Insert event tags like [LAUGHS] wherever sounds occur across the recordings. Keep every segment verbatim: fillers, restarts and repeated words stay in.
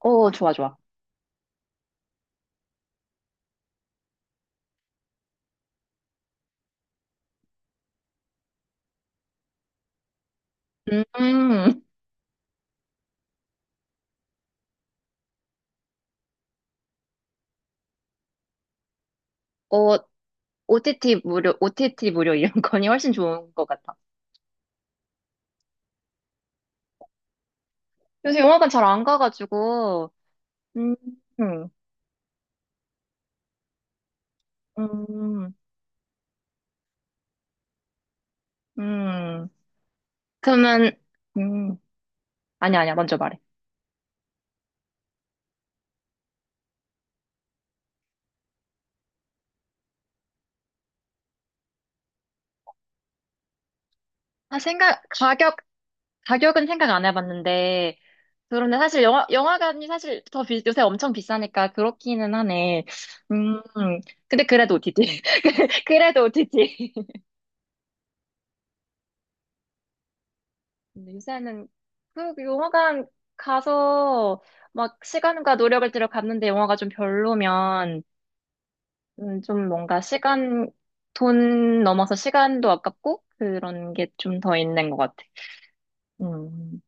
어, 좋아, 좋아. 음, 어, 오티티 무료, 오티티 무료 이런 [LAUGHS] 거니 훨씬 좋은 것 같아. 요새 영화관 잘 안 가가지고. 음, 음, 음, 음. 그러면, 음, 아니야, 아니야, 먼저 말해. 아, 생각, 가격, 가격은 생각 안 해봤는데, 그런데 사실 영화, 영화관이 사실 더 비, 요새 엄청 비싸니까 그렇기는 하네. 음, 근데 그래도 오티티. [LAUGHS] 그래도 오티티. 근데 요새는 그 영화관 가서 막 시간과 노력을 들여 갔는데 영화가 좀 별로면 음, 좀 뭔가 시간, 돈 넘어서 시간도 아깝고 그런 게 좀 더 있는 것 같아. 음,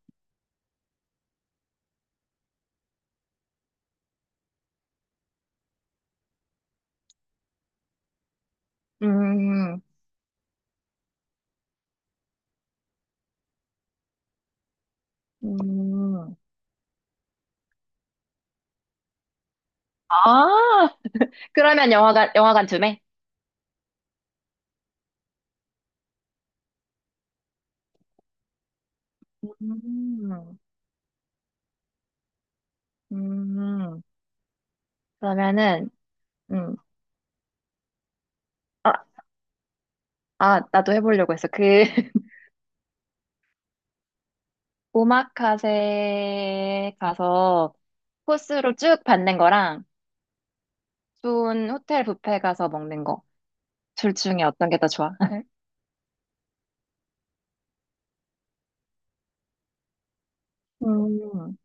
음, 음. 아, 그러면 영화관, 영화관 쯤에? 음, 음, 그러면은, 음, 아, 아, 나도 해보려고 했어. 그, 오마카세 가서 코스로 쭉 받는 거랑 좋은 호텔 뷔페 가서 먹는 거. 둘 중에 어떤 게 더 좋아? [LAUGHS] 음,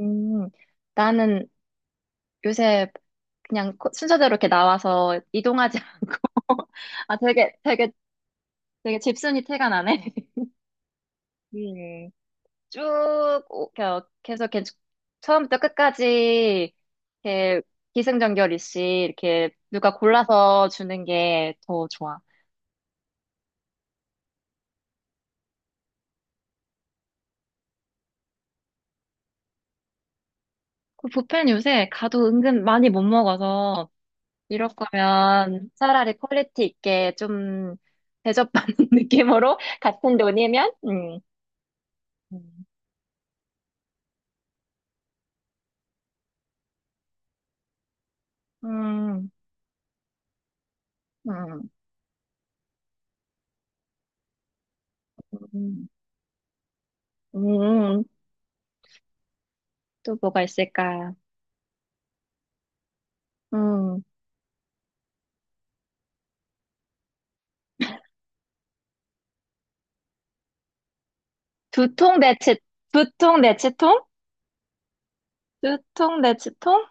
음. 나는 요새 그냥 코- 순서대로 이렇게 나와서 이동하지 않고. [LAUGHS] 아, 되게, 되게, 되게 집순이 티가 나네. [LAUGHS] 음. 쭉, 오- 겨- 계속 이렇게 처음부터 끝까지 이렇게 기승전결 이씨 이렇게 누가 골라서 주는 게 더 좋아. 그 뷔페는 요새 가도 은근 많이 못 먹어서 이럴 거면 차라리 퀄리티 있게 좀 대접받는 [LAUGHS] 느낌으로 같은 돈이면. 음, 음. 음, 음, 음, 음. 또 뭐가 있을까? 음, 두통 대체 두통 대체통? 두통 대체통?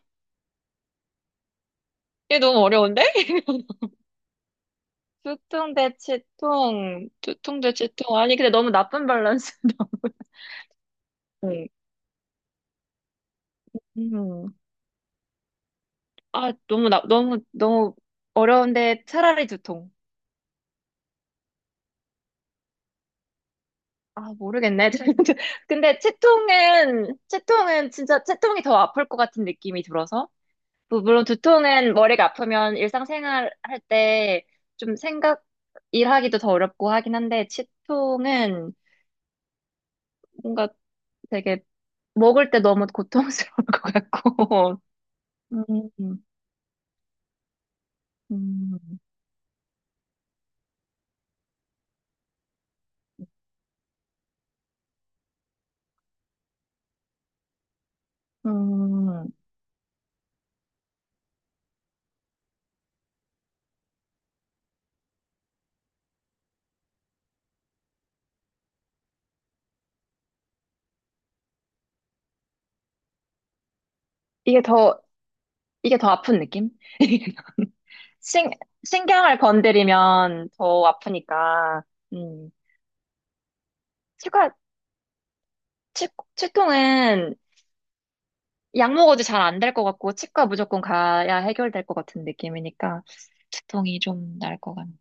이게 너무 어려운데? 두통 대체통, 두통 대체통. 아니 근데 너무 나쁜 밸런스. [LAUGHS] 음. 아, 너무, 나, 너무, 너무 어려운데 차라리 두통. 아, 모르겠네. [LAUGHS] 근데 채통은, 채통은 진짜 채통이 더 아플 것 같은 느낌이 들어서. 뭐, 물론 두통은 머리가 아프면 일상생활 할 때 좀 생각, 일하기도 더 어렵고 하긴 한데, 치통은 뭔가 되게 먹을 때 너무 고통스러울 것 같고. [LAUGHS] 음, 음, 음. 이게 더, 이게 더 아픈 느낌? [LAUGHS] 신, 신경을 건드리면 더 아프니까. 음, 치과, 치, 치통은 약 먹어도 잘 안될 것 같고, 치과 무조건 가야 해결될 것 같은 느낌이니까, 치통이 좀 날 것 같네.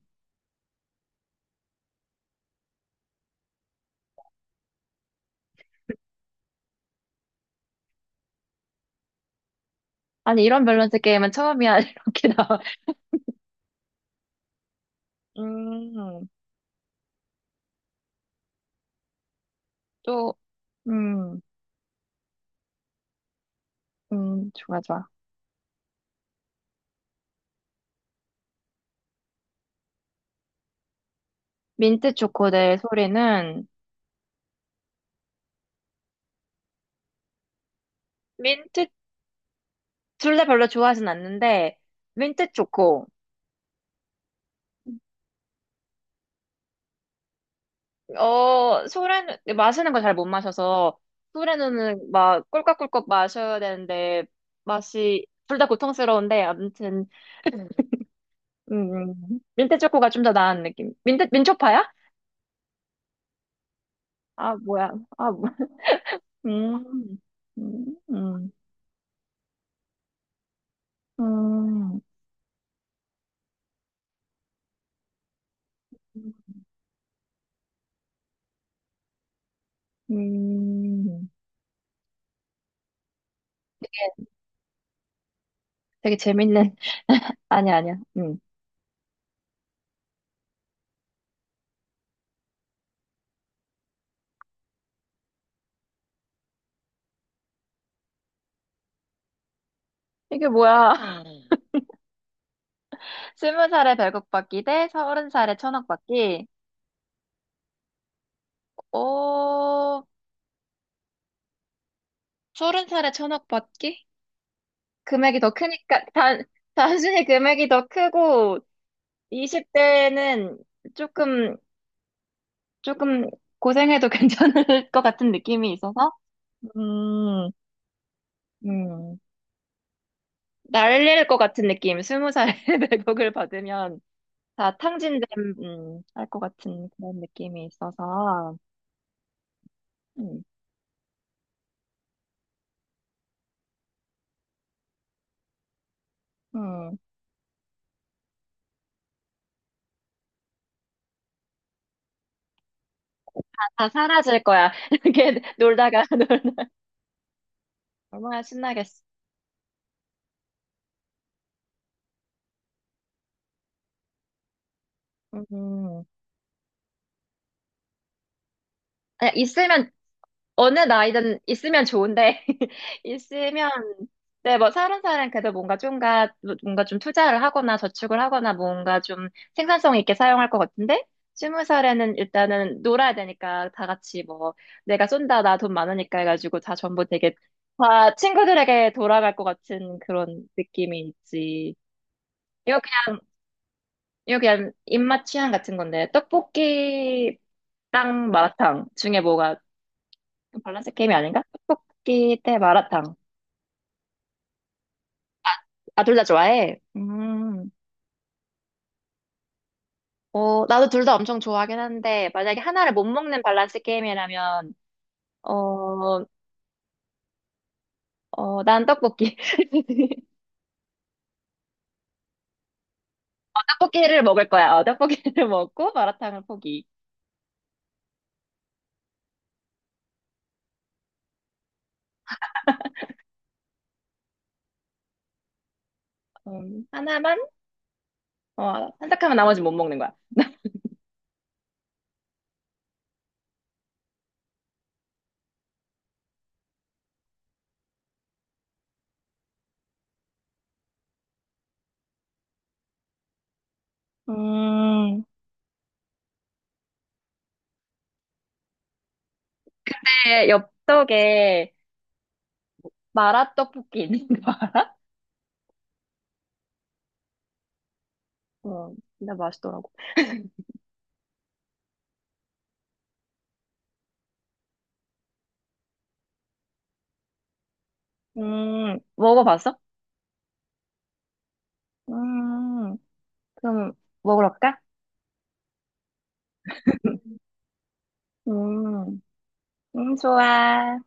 아니, 이런 밸런스 게임은 처음이야, [LAUGHS] 이렇게 나와. 음, 또, 음, 음, 좋아, 좋아. 민트 초코 대 소리는. 민트, 둘 다 별로 좋아하진 않는데, 민트 초코. 어, 소래는 마시는 걸 잘 못 마셔서, 소래는 막 꿀꺽꿀꺽 마셔야 되는데, 맛이, 둘 다 고통스러운데, 아무튼. [LAUGHS] 음, 음. 민트 초코가 좀 더 나은 느낌. 민트, 민초파야? 아, 뭐야. 아, 뭐. 음, 음, 음, 음, 음. 되게 재밌는, [LAUGHS] 아니, 야 아니야. 아니야. 음. 이게 뭐야. [LAUGHS] 스무 살에 백억 받기 대 서른 살에 천억 받기. 오, 서른 살에 천억 받기? 금액이 더 크니까, 단, 단순히 금액이 더 크고, 이십 대는 조금, 조금 고생해도 [LAUGHS] 괜찮을 것 같은 느낌이 있어서. 음, 음. 날릴 것 같은 느낌. 스무 살에 [LAUGHS] 일억을 [LAUGHS] 받으면 다 탕진됨. 음, 할것 같은 그런 느낌이 있어서. 음, 음. 다 사라질 거야. [LAUGHS] 이렇게 놀다가, [LAUGHS] 놀- 얼마나 신나겠어. 음. 아, 있으면 어느 나이든 있으면 좋은데, [LAUGHS] 있으면. 네, 뭐, 서른 살은 그래도 뭔가 좀가, 뭔가 좀 투자를 하거나 저축을 하거나 뭔가 좀 생산성 있게 사용할 것 같은데, 스무 살에는 일단은 놀아야 되니까 다 같이 뭐, 내가 쏜다, 나 돈 많으니까 해가지고 다 전부 되게 다 친구들에게 돌아갈 것 같은 그런 느낌이 있지. 이거 그냥, 이거 그냥 입맛 취향 같은 건데, 떡볶이랑 마라탕 중에 뭐가 밸런스 게임이 아닌가? 떡볶이 대 마라탕. 아, 둘 다 좋아해? 음. 어, 나도 둘 다 엄청 좋아하긴 한데, 만약에 하나를 못 먹는 밸런스 게임이라면, 어, 어, 난 떡볶이. [LAUGHS] 떡볶이를 먹을 거야. 어, 떡볶이를 [LAUGHS] 먹고 마라탕을 포기. 음, 하나만, 어, 선택하면 나머지 못 먹는 거야. 음. 내 엽떡에 마라떡볶이 있는 거 알아? 어, 진짜 맛있더라고. [LAUGHS] 음, 먹어봤어? 음. 그럼 먹으러 갈까? [LAUGHS] 음, 음, 좋아.